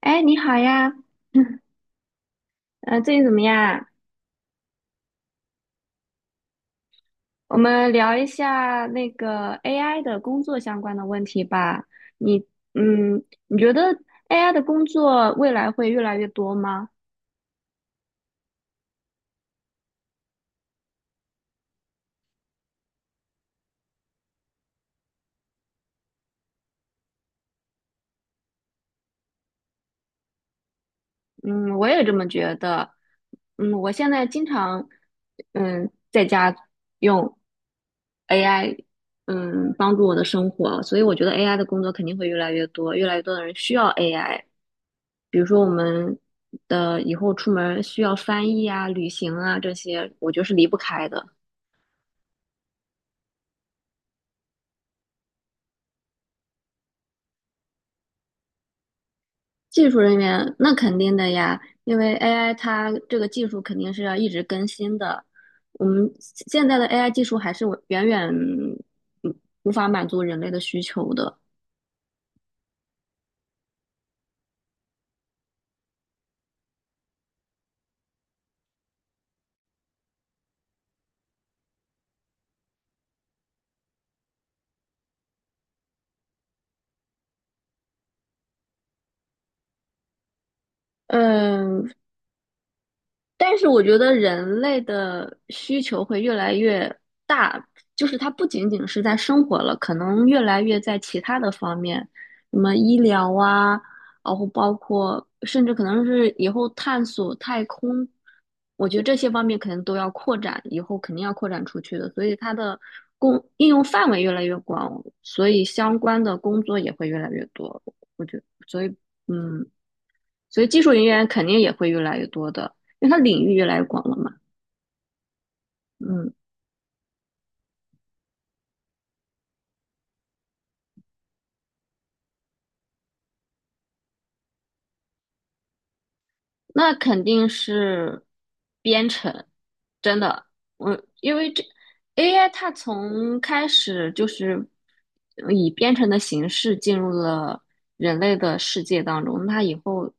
哎，你好呀，最近怎么样？我们聊一下那个 AI 的工作相关的问题吧。你，嗯，你觉得 AI 的工作未来会越来越多吗？嗯，我也这么觉得。我现在经常，在家用 AI，帮助我的生活，所以我觉得 AI 的工作肯定会越来越多，越来越多的人需要 AI。比如说我们的以后出门需要翻译啊、旅行啊这些，我觉得是离不开的。技术人员那肯定的呀，因为 AI 它这个技术肯定是要一直更新的。我们现在的 AI 技术还是远远无法满足人类的需求的。嗯，但是我觉得人类的需求会越来越大，就是它不仅仅是在生活了，可能越来越在其他的方面，什么医疗啊，然后包括甚至可能是以后探索太空，我觉得这些方面可能都要扩展，以后肯定要扩展出去的，所以它的应用范围越来越广，所以相关的工作也会越来越多，我觉得，嗯。所以技术人员肯定也会越来越多的，因为它领域越来越广了嘛。嗯，那肯定是编程，真的，我因为这 AI 它从开始就是以编程的形式进入了人类的世界当中，那它以后，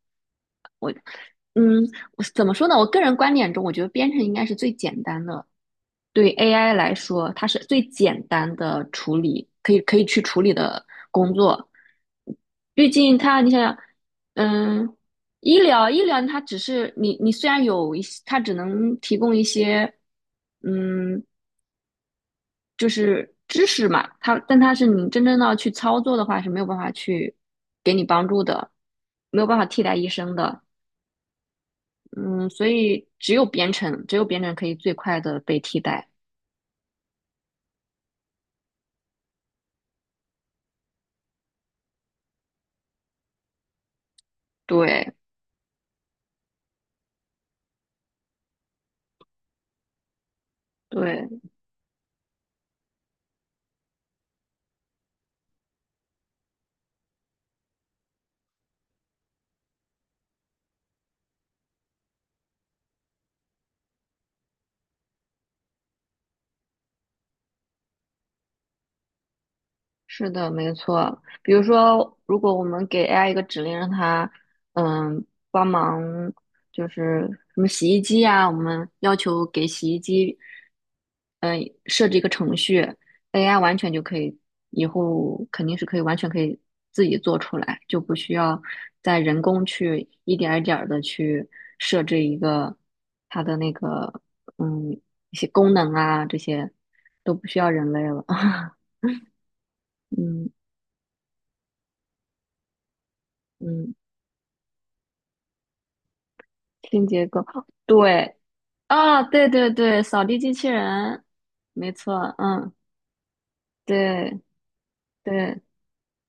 嗯，我怎么说呢？我个人观点中，我觉得编程应该是最简单的对 AI 来说，它是最简单的处理，可以去处理的工作。毕竟它，你想想，嗯，医疗它只是你虽然有一些，它只能提供一些，嗯，就是知识嘛，它但它是你真正要去操作的话是没有办法去给你帮助的，没有办法替代医生的。嗯，所以只有编程，只有编程可以最快的被替代。对对。是的，没错。比如说，如果我们给 AI 一个指令，让它嗯帮忙，就是什么洗衣机呀、我们要求给洗衣机嗯设置一个程序，AI 完全就可以，以后肯定是可以完全可以自己做出来，就不需要再人工去一点儿一点儿的去设置一个它的那个嗯一些功能啊，这些都不需要人类了。嗯嗯。清洁工，对啊，对对对，扫地机器人，没错，嗯，对对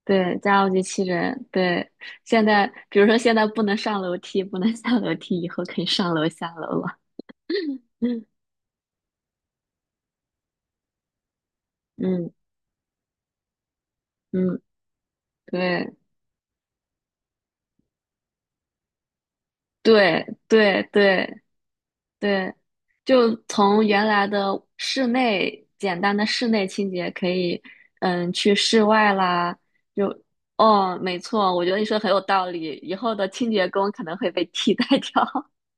对，家务机器人，对，现在比如说现在不能上楼梯，不能下楼梯，以后可以上楼下楼了，嗯嗯嗯，对对对对对，就从原来的室内简单的室内清洁，可以去室外啦。就哦，没错，我觉得你说得很有道理。以后的清洁工可能会被替代掉。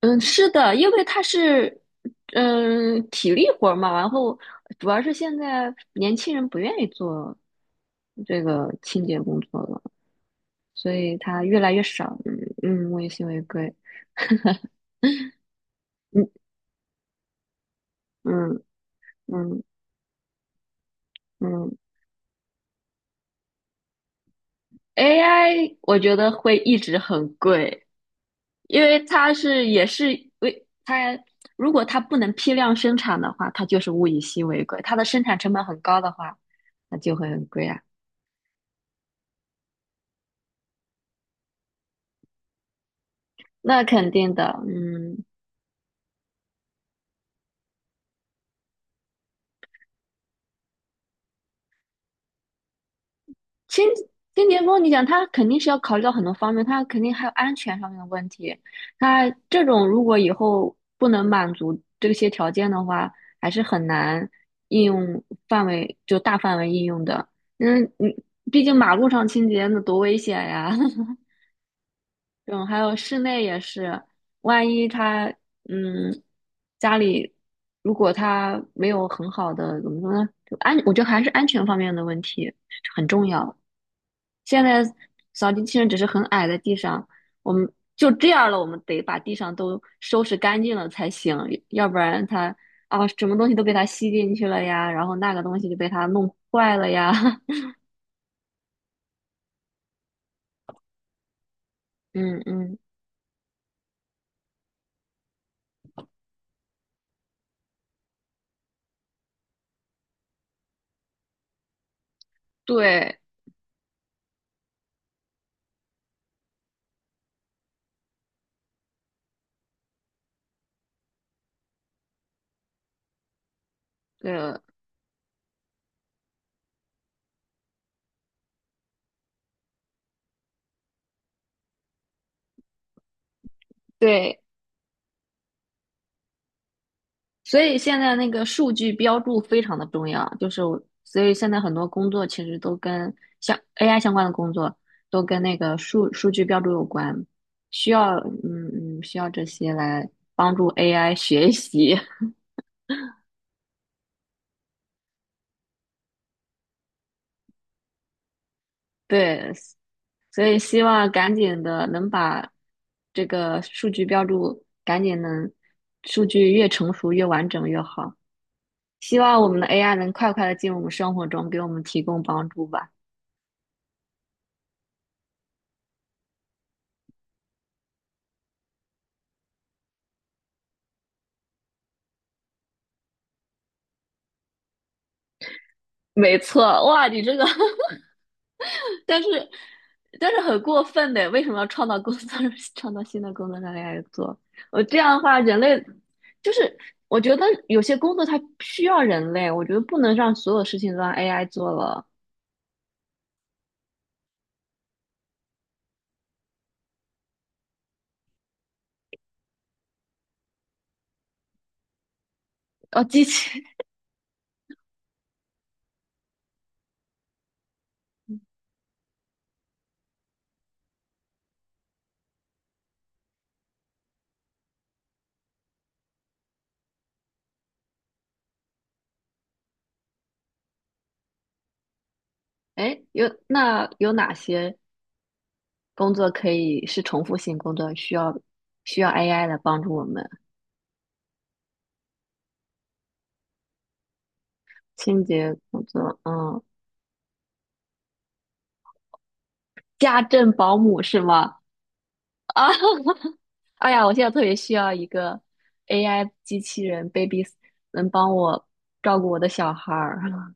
嗯，是的，因为它是体力活儿嘛，然后主要是现在年轻人不愿意做这个清洁工作了，所以它越来越少。嗯嗯，物以稀为贵。嗯嗯嗯嗯。AI 我觉得会一直很贵，因为它是也是为它，如果它不能批量生产的话，它就是物以稀为贵。它的生产成本很高的话，那就会很贵啊。那肯定的，新新洁峰，你想他肯定是要考虑到很多方面，他肯定还有安全上面的问题。他这种如果以后不能满足这些条件的话，还是很难应用范围就大范围应用的。你毕竟马路上清洁那多危险呀！嗯，还有室内也是，万一他嗯家里如果他没有很好的怎么说呢，我觉得还是安全方面的问题很重要。现在扫地机器人只是很矮的地上，我们就这样了，我们得把地上都收拾干净了才行，要不然它啊什么东西都被它吸进去了呀，然后那个东西就被它弄坏了呀，嗯嗯，对对对。所以现在那个数据标注非常的重要，就是我所以现在很多工作其实都跟像 AI 相关的工作都跟那个数据标注有关，需要这些来帮助 AI 学习，对，所以希望赶紧的能把这个数据标注赶紧能数据越成熟越完整越好，希望我们的 AI 能快快的进入我们生活中，给我们提供帮助吧。没错，哇，你这个，但是但是很过分的，为什么要创造工作，创造新的工作让 AI 做？我这样的话，人类就是我觉得有些工作它需要人类，我觉得不能让所有事情都让 AI 做了，哦，机器。哎，有哪些工作可以是重复性工作，需要AI 来帮助我们？清洁工作，家政保姆是吗？啊，哎呀，我现在特别需要一个 AI 机器人 baby，能帮我照顾我的小孩儿。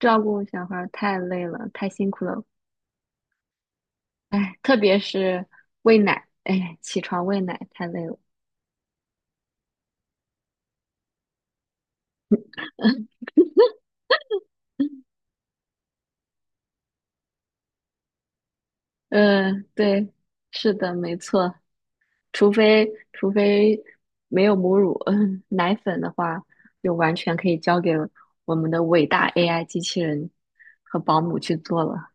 照顾小孩儿太累了，太辛苦了。哎，特别是喂奶，哎，起床喂奶太累了。对，是的，没错。除非除非没有母乳，奶粉的话，就完全可以交给我们的伟大 AI 机器人和保姆去做了。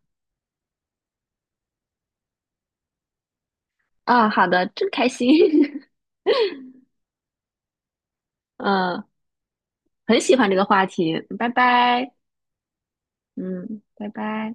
啊，好的，真开心。嗯。很喜欢这个话题。拜拜，嗯，拜拜。